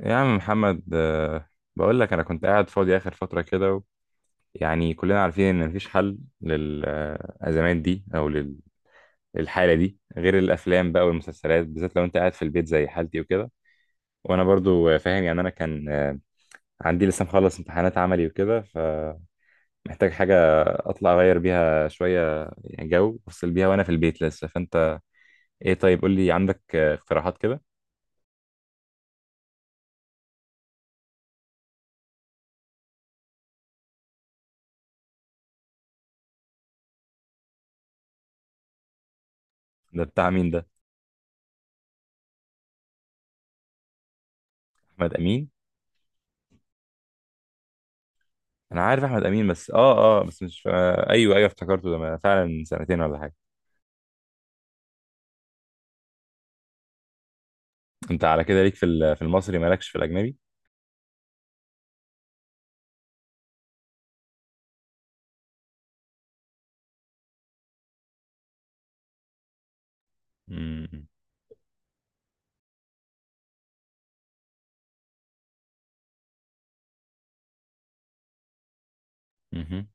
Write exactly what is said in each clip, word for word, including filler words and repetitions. يا عم محمد، آه، بقول لك انا كنت قاعد فاضي اخر فتره كده و... يعني كلنا عارفين ان مفيش حل للازمات دي او لل- للحاله دي غير الافلام بقى والمسلسلات، بالذات لو انت قاعد في البيت زي حالتي وكده. وانا برضو آه، فاهم يعني. انا كان آه، عندي لسه مخلص امتحانات عملي وكده، فمحتاج حاجه اطلع اغير بيها شويه، يعني جو افصل بيها وانا في البيت لسه. فانت ايه؟ طيب قول لي، عندك آه، اقتراحات كده؟ ده بتاع مين ده؟ احمد امين. انا عارف احمد امين، بس اه اه بس مش آه ايوه ايوه، افتكرته. ده من- فعلا من سنتين ولا حاجه. انت على كده ليك في ال- في المصري، مالكش في الاجنبي؟ امم. مهم.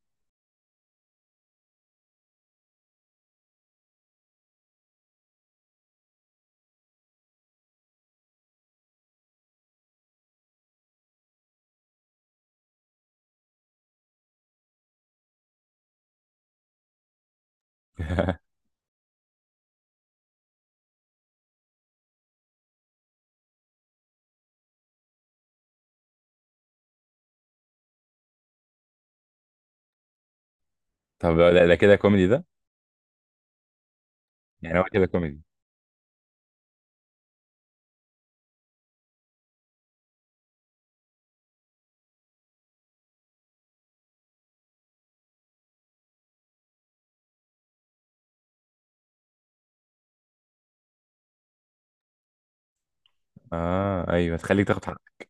طب ده, ده كده كوميدي ده. يعني هو كده كوميدي؟ اه ايوه، تخليك تاخد حقك.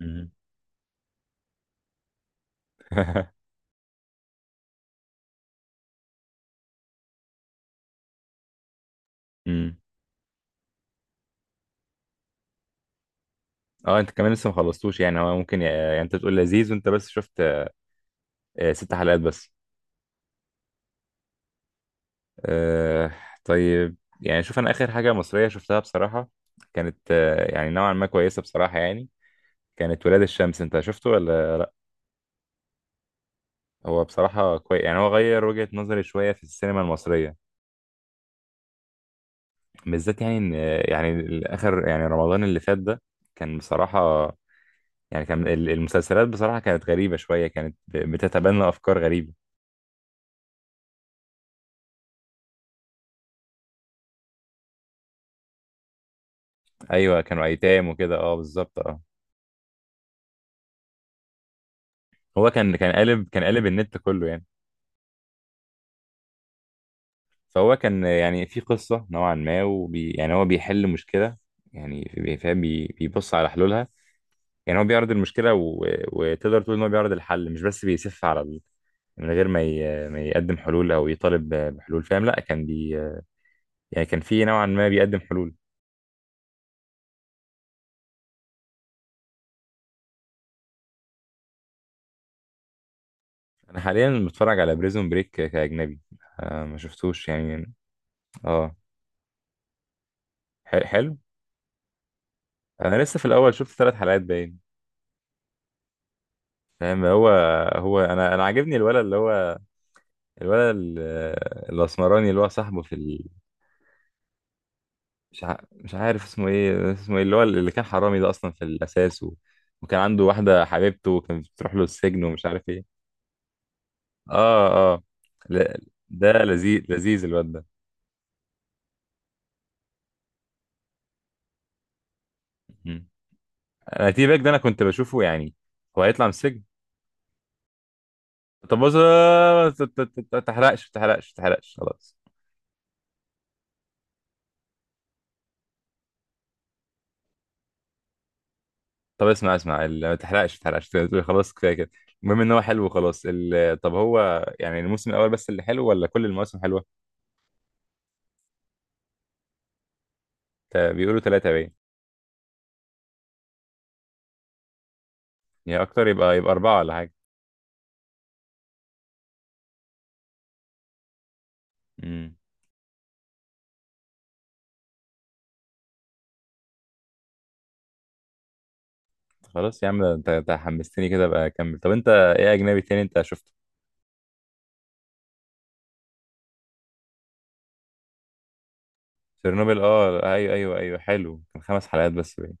مهم. مم. اه، انت كمان لسه ما خلصتوش، يعني هو ممكن يعني يعني انت بتقول لذيذ وانت بس شفت آه ست حلقات بس. آه طيب يعني شوف، انا اخر حاجه مصريه شفتها بصراحه كانت آه يعني نوعا ما كويسه بصراحه يعني. كانت ولاد الشمس، انت شفته ولا؟ هو بصراحة كويس، يعني هو غير وجهة نظري شوية في السينما المصرية بالذات، يعني إن، يعني آخر، يعني رمضان اللي فات ده كان بصراحة، يعني كان ال- المسلسلات بصراحة كانت غريبة شوية، كانت ب- بتتبنى أفكار غريبة. أيوة كانوا أيتام وكده، أه بالظبط، أه. هو كان كان قالب كان قالب النت كله يعني. فهو كان يعني في قصة نوعا ما، وبي يعني هو بيحل مشكلة، يعني بي- فاهم، بي- بيبص على حلولها. يعني هو بيعرض المشكله و... وتقدر تقول ان هو بيعرض الحل، مش بس بيسف على ال... من غير ما ي... ما يقدم حلول، او يطالب ب- بحلول، فاهم؟ لا كان بي، يعني كان في نوعا ما بيقدم حلول. انا حاليا بتفرج على بريزون بريك كاجنبي. آه ما شفتوش يعني؟ اه ح- حلو. انا لسه في الاول، شفت ثلاث حلقات باين. فاهم؟ هو هو انا انا عاجبني الولد اللي هو، الولد ال- الاسمراني، اللي هو صاحبه في. مش ع... مش عارف اسمه ايه، اسمه ايه اللي هو اللي كان حرامي ده اصلا في الاساس، و... وكان عنده واحده حبيبته وكانت بتروح له السجن ومش عارف ايه. اه اه لا، ده لذيذ لذيذ الواد ده. مم. انا تي باك ده انا كنت بشوفه يعني. هو هيطلع من السجن؟ طب بص، ما تحرقش ما تحرقش ما تحرقش خلاص. طب اسمع اسمع ال- ما تحرقش ما تحرقش، خلاص كفايه كده. المهم ان هو حلو وخلاص ال... طب هو يعني الموسم الاول بس اللي حلو ولا كل المواسم حلوه؟ تا- بيقولوا ثلاثه باين. يعني اكتر، يبقى يبقى اربعه ولا حاجه. امم. خلاص يا عم، ده انت انت حمستني كده، بقى اكمل. طب انت ايه اجنبي تاني انت شفته؟ تشيرنوبل، اه ايوه ايوه ايوه حلو، كان خمس حلقات بس باين.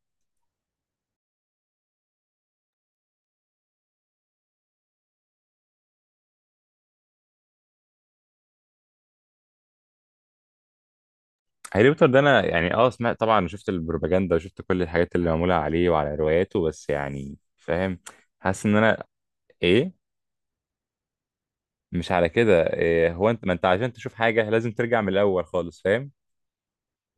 هاري بوتر ده انا يعني اه سمعت طبعا، شفت البروباجندا وشفت كل الحاجات اللي معموله عليه وعلى رواياته، بس يعني فاهم، حاسس ان انا، ايه؟ مش على كده. إيه هو؟ انت ما انت عشان تشوف حاجه لازم ترجع من الاول خالص، فاهم؟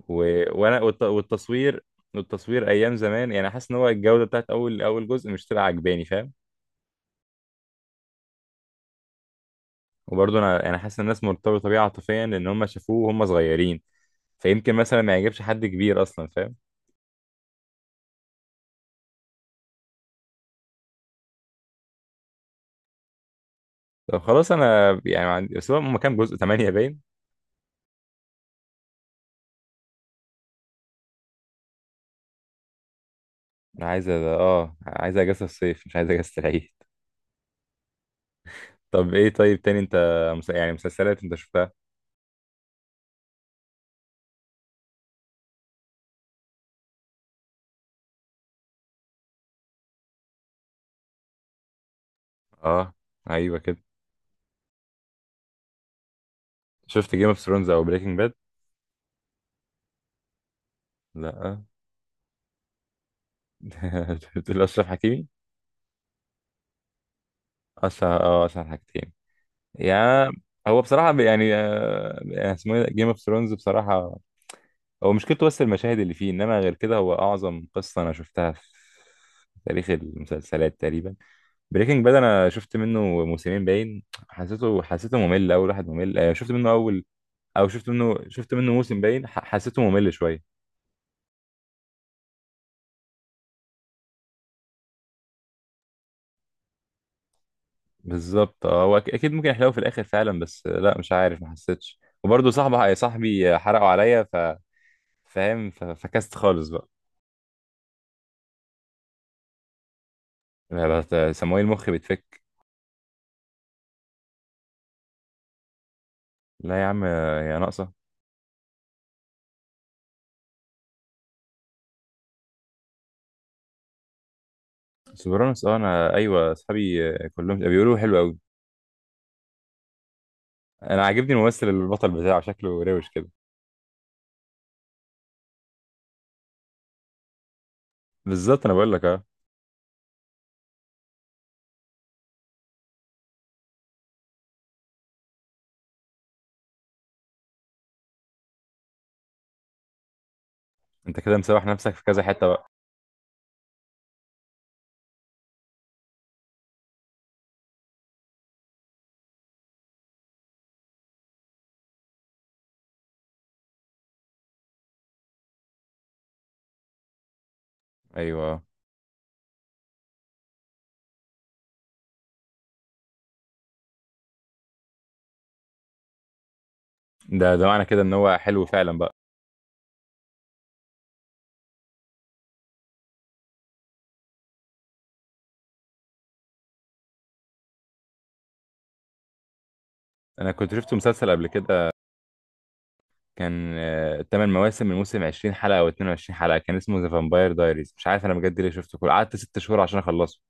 و... وانا والت... والتصوير، والتصوير ايام زمان يعني، حاسس ان هو الجوده بتاعت اول اول جزء مش تبقى عجباني، فاهم؟ وبرضه انا يعني حاسس ان الناس مرتبطه بيه عاطفيا، لان هم شافوه وهم صغيرين، فيمكن مثلا ما يعجبش حد كبير اصلا، فاهم؟ طب خلاص، انا يعني ما عندي. بس هو هم كام جزء، ثمانية باين. انا عايز أ- اه عايز اجازه الصيف، مش عايز اجازه العيد. طب ايه طيب تاني انت مس... يعني مسلسلات انت شفتها؟ اه ايوه كده. شفت جيم اوف ثرونز او بريكنج باد؟ لا. بتقول اشرف حكيمي؟ اشرف، اه اشرف حكيمي؟ يا، هو بصراحه يعني آه، اسمه جيم اوف ثرونز. بصراحه هو مشكلته بس المشاهد اللي فيه، انما غير كده هو اعظم قصه انا شفتها في تاريخ المسلسلات تقريبا. بريكنج باد انا شفت منه موسمين باين، حسيته حسيته ممل، اول واحد ممل. آه، شفت منه اول، او شفت منه شفت منه موسم باين، ح- حسيته ممل شويه. بالظبط. آه، هو أك- اكيد ممكن يحلو في الاخر فعلا، بس آه، لا مش عارف، ما حسيتش. وبرضه صاحبي صاحبي آه، حرقوا عليا، ف فاهم، ف- فكست خالص بقى. لا، لا، سموه المخ بيتفك. لا يا عم، آه، يا ناقصه. سوبرانوس، اه انا ايوه اصحابي آه، كلهم بيقولوا حلو قوي. انا عاجبني الممثل البطل بتاعه، شكله روش كده. بالظبط، انا بقول لك اه. انت كده مسوح نفسك في كذا حته بقى. ايوه آه. ده ده معنى كده ان هو حلو فعلا بقى. انا كنت شفت مسلسل قبل كده، كان آه، تمن مواسم، الموسم عشرين حلقه او اتنين وعشرين حلقه، كان اسمه ذا فامباير دايريز. مش عارف انا بجد ليه شفته كله، قعدت ست شهور عشان اخلصه.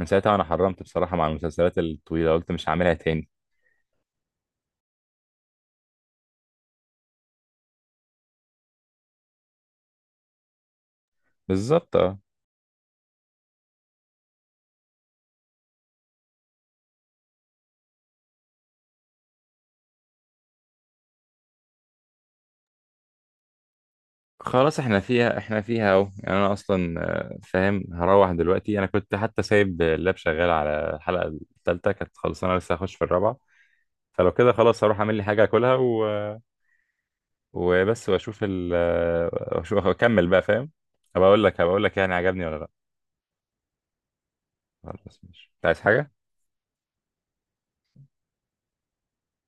من ساعتها وانا حرمت بصراحه مع المسلسلات الطويله، قلت مش هعملها تاني. بالظبط اه. خلاص احنا فيها احنا فيها اهو يعني. انا اصلا آه، فاهم، هروح دلوقتي. انا كنت حتى سايب اللاب شغال على الحلقه الثالثه، كانت خلصانه، لسه هخش في الرابعه. فلو كده خلاص هروح اعمل لي حاجه اكلها، و... وبس واشوف ال آه، واشوف اكمل بقى، فاهم؟ هبقى اقول لك، هبقى اقول لك يعني عجبني ولا لا. خلاص ماشي، انت عايز حاجه؟